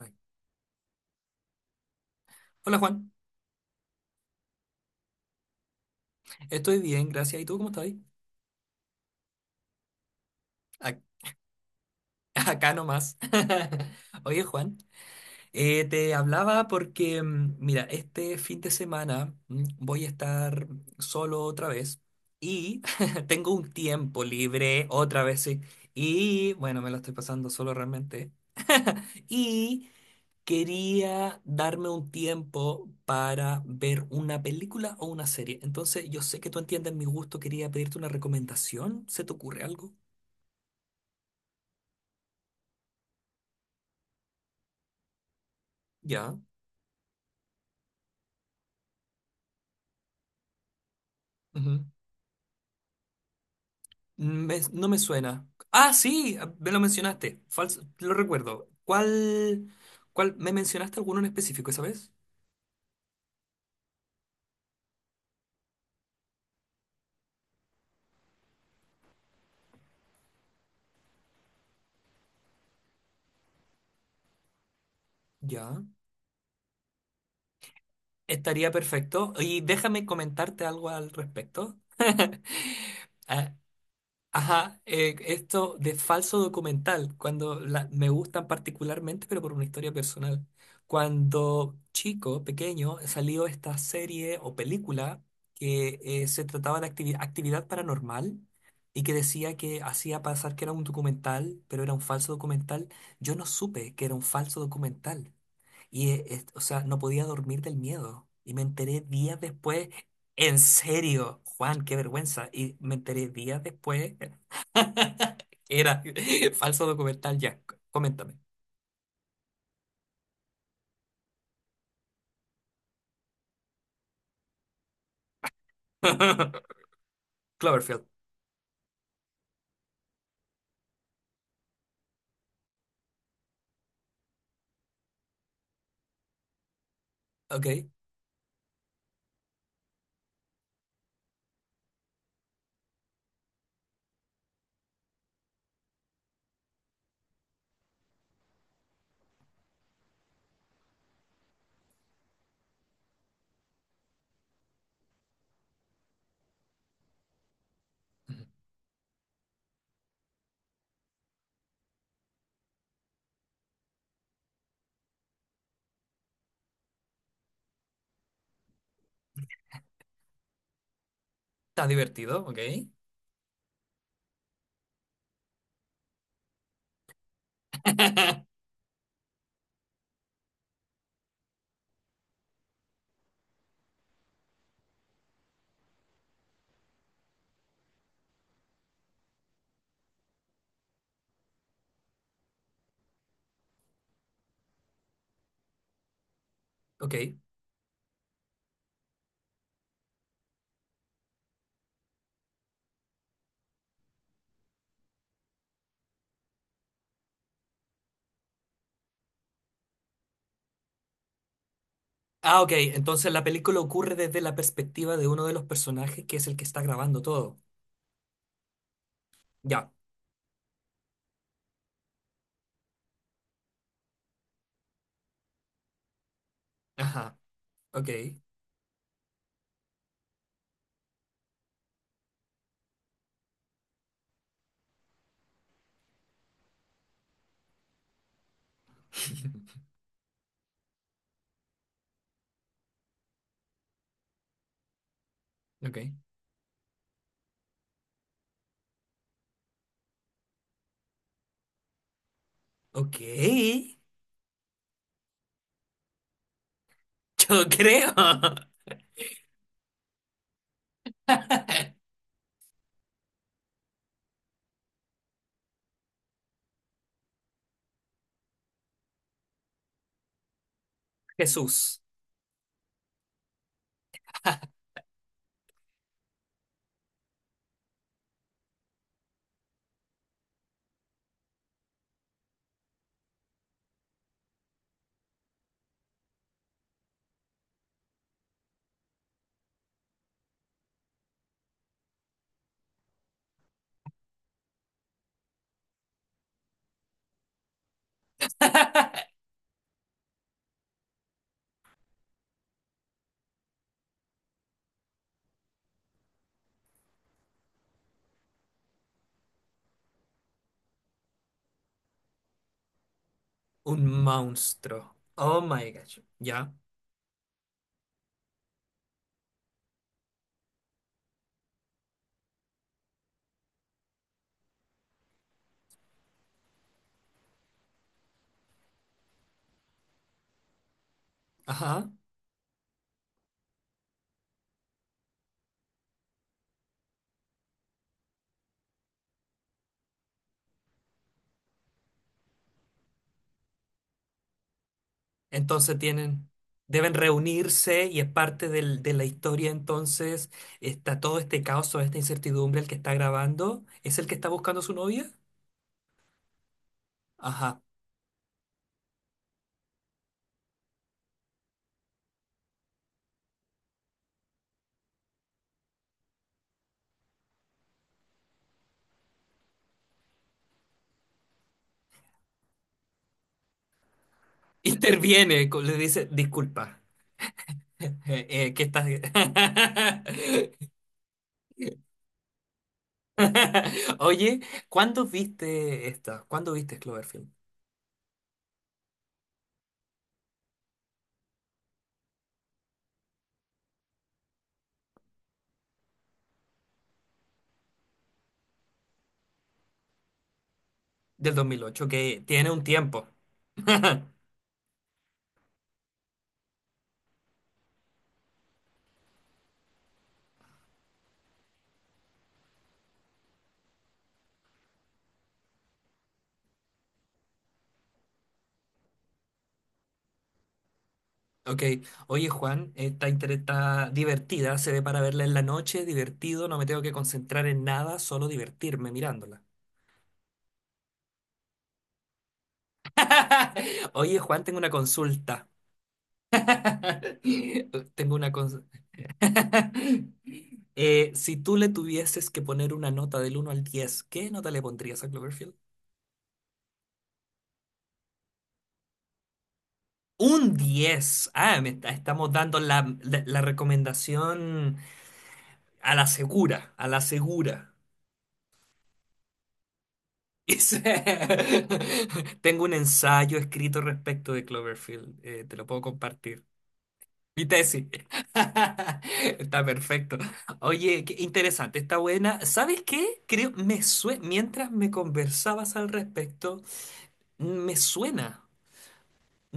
Ay. Hola Juan, estoy bien, gracias. ¿Y tú cómo estás? Ac- Acá nomás. Oye Juan, te hablaba porque, mira, este fin de semana voy a estar solo otra vez y tengo un tiempo libre otra vez, sí. Y bueno, me lo estoy pasando solo realmente. Y quería darme un tiempo para ver una película o una serie. Entonces, yo sé que tú entiendes mi gusto, quería pedirte una recomendación. ¿Se te ocurre algo? Ya. Ujú. No me suena. Ah, sí, ah, me lo mencionaste. Falso, lo recuerdo. ¿Cuál? ¿Me mencionaste alguno en específico esa vez? Ya. Estaría perfecto. Y déjame comentarte algo al respecto. Ah, ajá, esto de falso documental, cuando me gustan particularmente, pero por una historia personal. Cuando chico, pequeño, salió esta serie o película que se trataba de actividad paranormal y que decía que hacía pasar que era un documental, pero era un falso documental. Yo no supe que era un falso documental. Y, o sea, no podía dormir del miedo. Y me enteré días después, en serio, Juan, qué vergüenza. Y me enteré días después, era falso documental, ya, coméntame. Cloverfield, ok. Está divertido, ok. Ok. Ah, ok, entonces la película ocurre desde la perspectiva de uno de los personajes que es el que está grabando todo. Ya. Ajá. Ok. Ok. Ok. Yo creo. Jesús. Un monstruo. Oh my gosh. Ya. Ajá. Entonces tienen. Deben reunirse y es parte de la historia. Entonces está todo este caos, toda esta incertidumbre. El que está grabando es el que está buscando a su novia. Ajá. Interviene, le dice, disculpa. ¿Qué estás? Oye, ¿cuándo viste esta? ¿Cuándo viste Cloverfield? Del 2008. Que tiene un tiempo. Ok, oye Juan, esta está divertida, se ve para verla en la noche, divertido, no me tengo que concentrar en nada, solo divertirme mirándola. Oye Juan, tengo una consulta. Tengo una consulta. si tú le tuvieses que poner una nota del uno al 10, ¿qué nota le pondrías a Cloverfield? Un 10. Ah, estamos dando la recomendación a la segura, a la segura. Es- Tengo un ensayo escrito respecto de Cloverfield. Te lo puedo compartir. Mi tesis. Está perfecto. Oye, qué interesante, está buena. ¿Sabes qué? Creo, mientras me conversabas al respecto, me suena.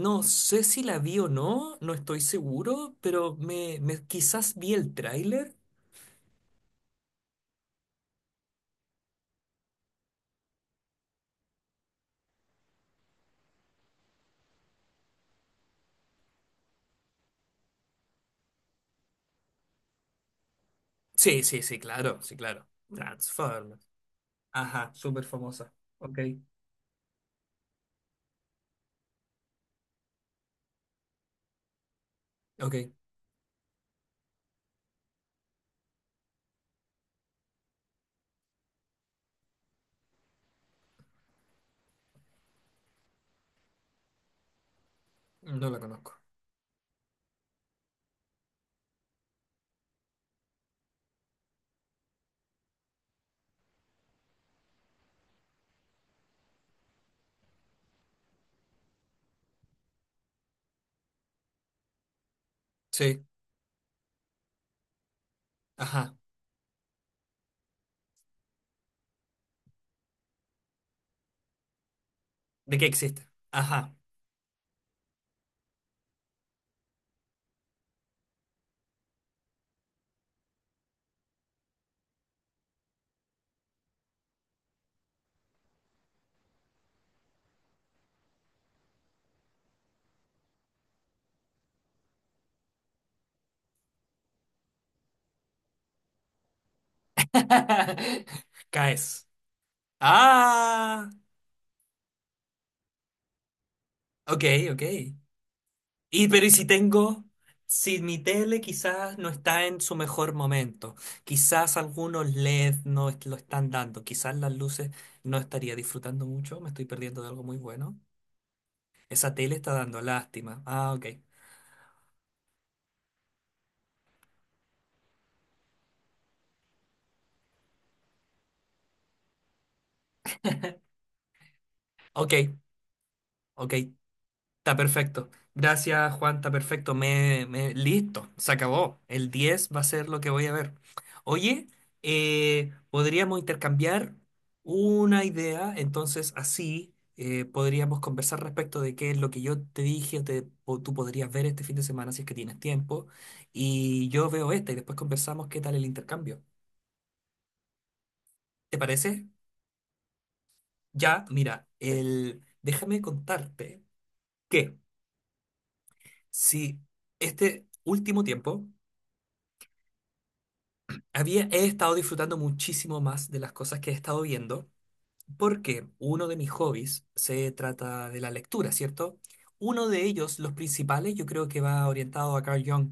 No sé si la vi o no, no estoy seguro, pero quizás vi el tráiler. Sí, sí, sí, claro, sí, claro. Transformers. Ajá, súper famosa. Ok, ok, no la conozco. Sí, ajá. ¿De qué existe? Ajá. Caes. Ah, ok, ok. Y pero ¿y si mi tele quizás no está en su mejor momento, quizás algunos LED no est- lo están dando, quizás las luces no estaría disfrutando mucho, me estoy perdiendo de algo muy bueno. Esa tele está dando lástima. Ah, ok. Ok, ok. Está perfecto. Gracias, Juan, está perfecto. Listo, se acabó. El 10 va a ser lo que voy a ver. Oye, podríamos intercambiar una idea, entonces así podríamos conversar respecto de qué es lo que yo te dije, o tú podrías ver este fin de semana si es que tienes tiempo, y yo veo esta y después conversamos qué tal el intercambio. ¿Te parece? Ya, mira, déjame contarte que si este último tiempo, he estado disfrutando muchísimo más de las cosas que he estado viendo. Porque uno de mis hobbies se trata de la lectura, ¿cierto? Uno de ellos, los principales, yo creo que va orientado a Carl Jung.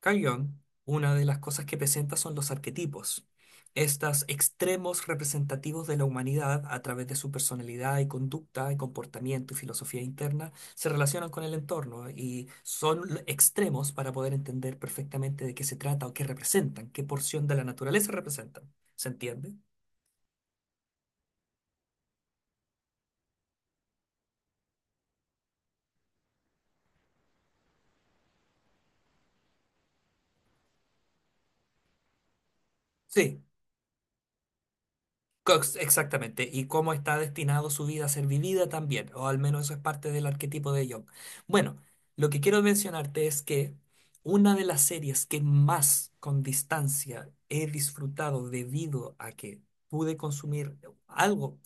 Carl Jung, una de las cosas que presenta son los arquetipos, estos extremos representativos de la humanidad a través de su personalidad y conducta y comportamiento y filosofía interna, se relacionan con el entorno y son extremos para poder entender perfectamente de qué se trata o qué representan, qué porción de la naturaleza representan. ¿Se entiende? Sí. Cox, exactamente, y cómo está destinado su vida a ser vivida también, o al menos eso es parte del arquetipo de Young. Bueno, lo que quiero mencionarte es que una de las series que más con distancia he disfrutado debido a que pude consumir algo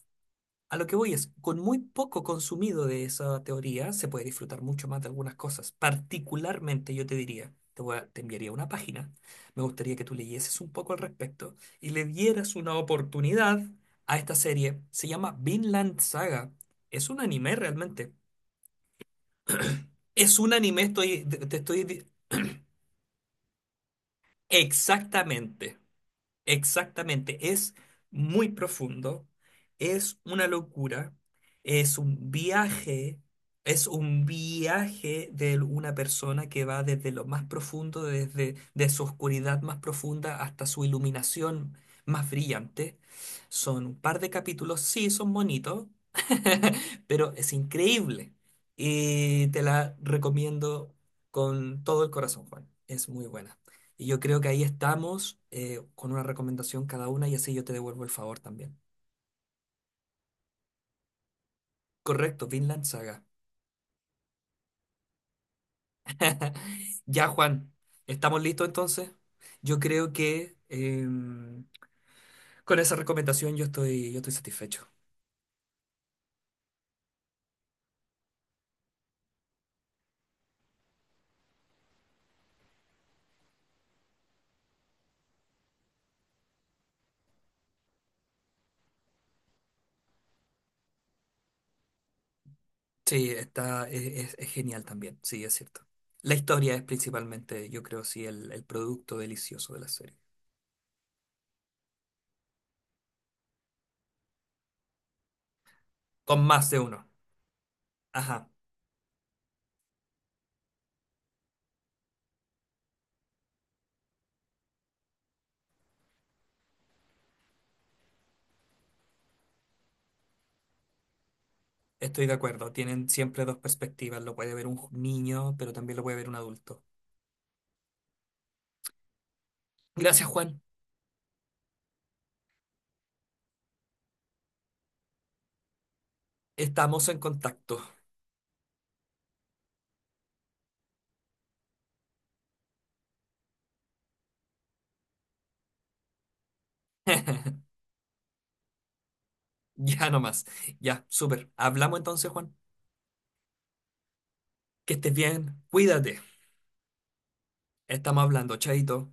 a lo que voy es, con muy poco consumido de esa teoría, se puede disfrutar mucho más de algunas cosas. Particularmente, yo te diría, te enviaría una página, me gustaría que tú leyeses un poco al respecto y le dieras una oportunidad a esta serie. Se llama Vinland Saga. Es un anime realmente. Es un anime, estoy, te estoy. Exactamente. Exactamente, es muy profundo, es una locura, es un viaje, es un viaje de una persona que va desde lo más profundo, desde de su oscuridad más profunda hasta su iluminación más brillante. Son un par de capítulos, sí, son bonitos, pero es increíble y te la recomiendo con todo el corazón, Juan. Es muy buena. Y yo creo que ahí estamos con una recomendación cada una y así yo te devuelvo el favor también. Correcto, Vinland Saga. Ya, Juan, ¿estamos listos entonces? Yo creo que con esa recomendación yo estoy satisfecho. Sí, está, es genial también, sí, es cierto. La historia es principalmente, yo creo, sí, el producto delicioso de la serie. Con más de uno. Ajá, estoy de acuerdo. Tienen siempre dos perspectivas. Lo puede ver un niño, pero también lo puede ver un adulto. Gracias, Juan. Estamos en contacto. Ya nomás. Ya, súper. Hablamos entonces, Juan. Que estés bien. Cuídate. Estamos hablando, chaito.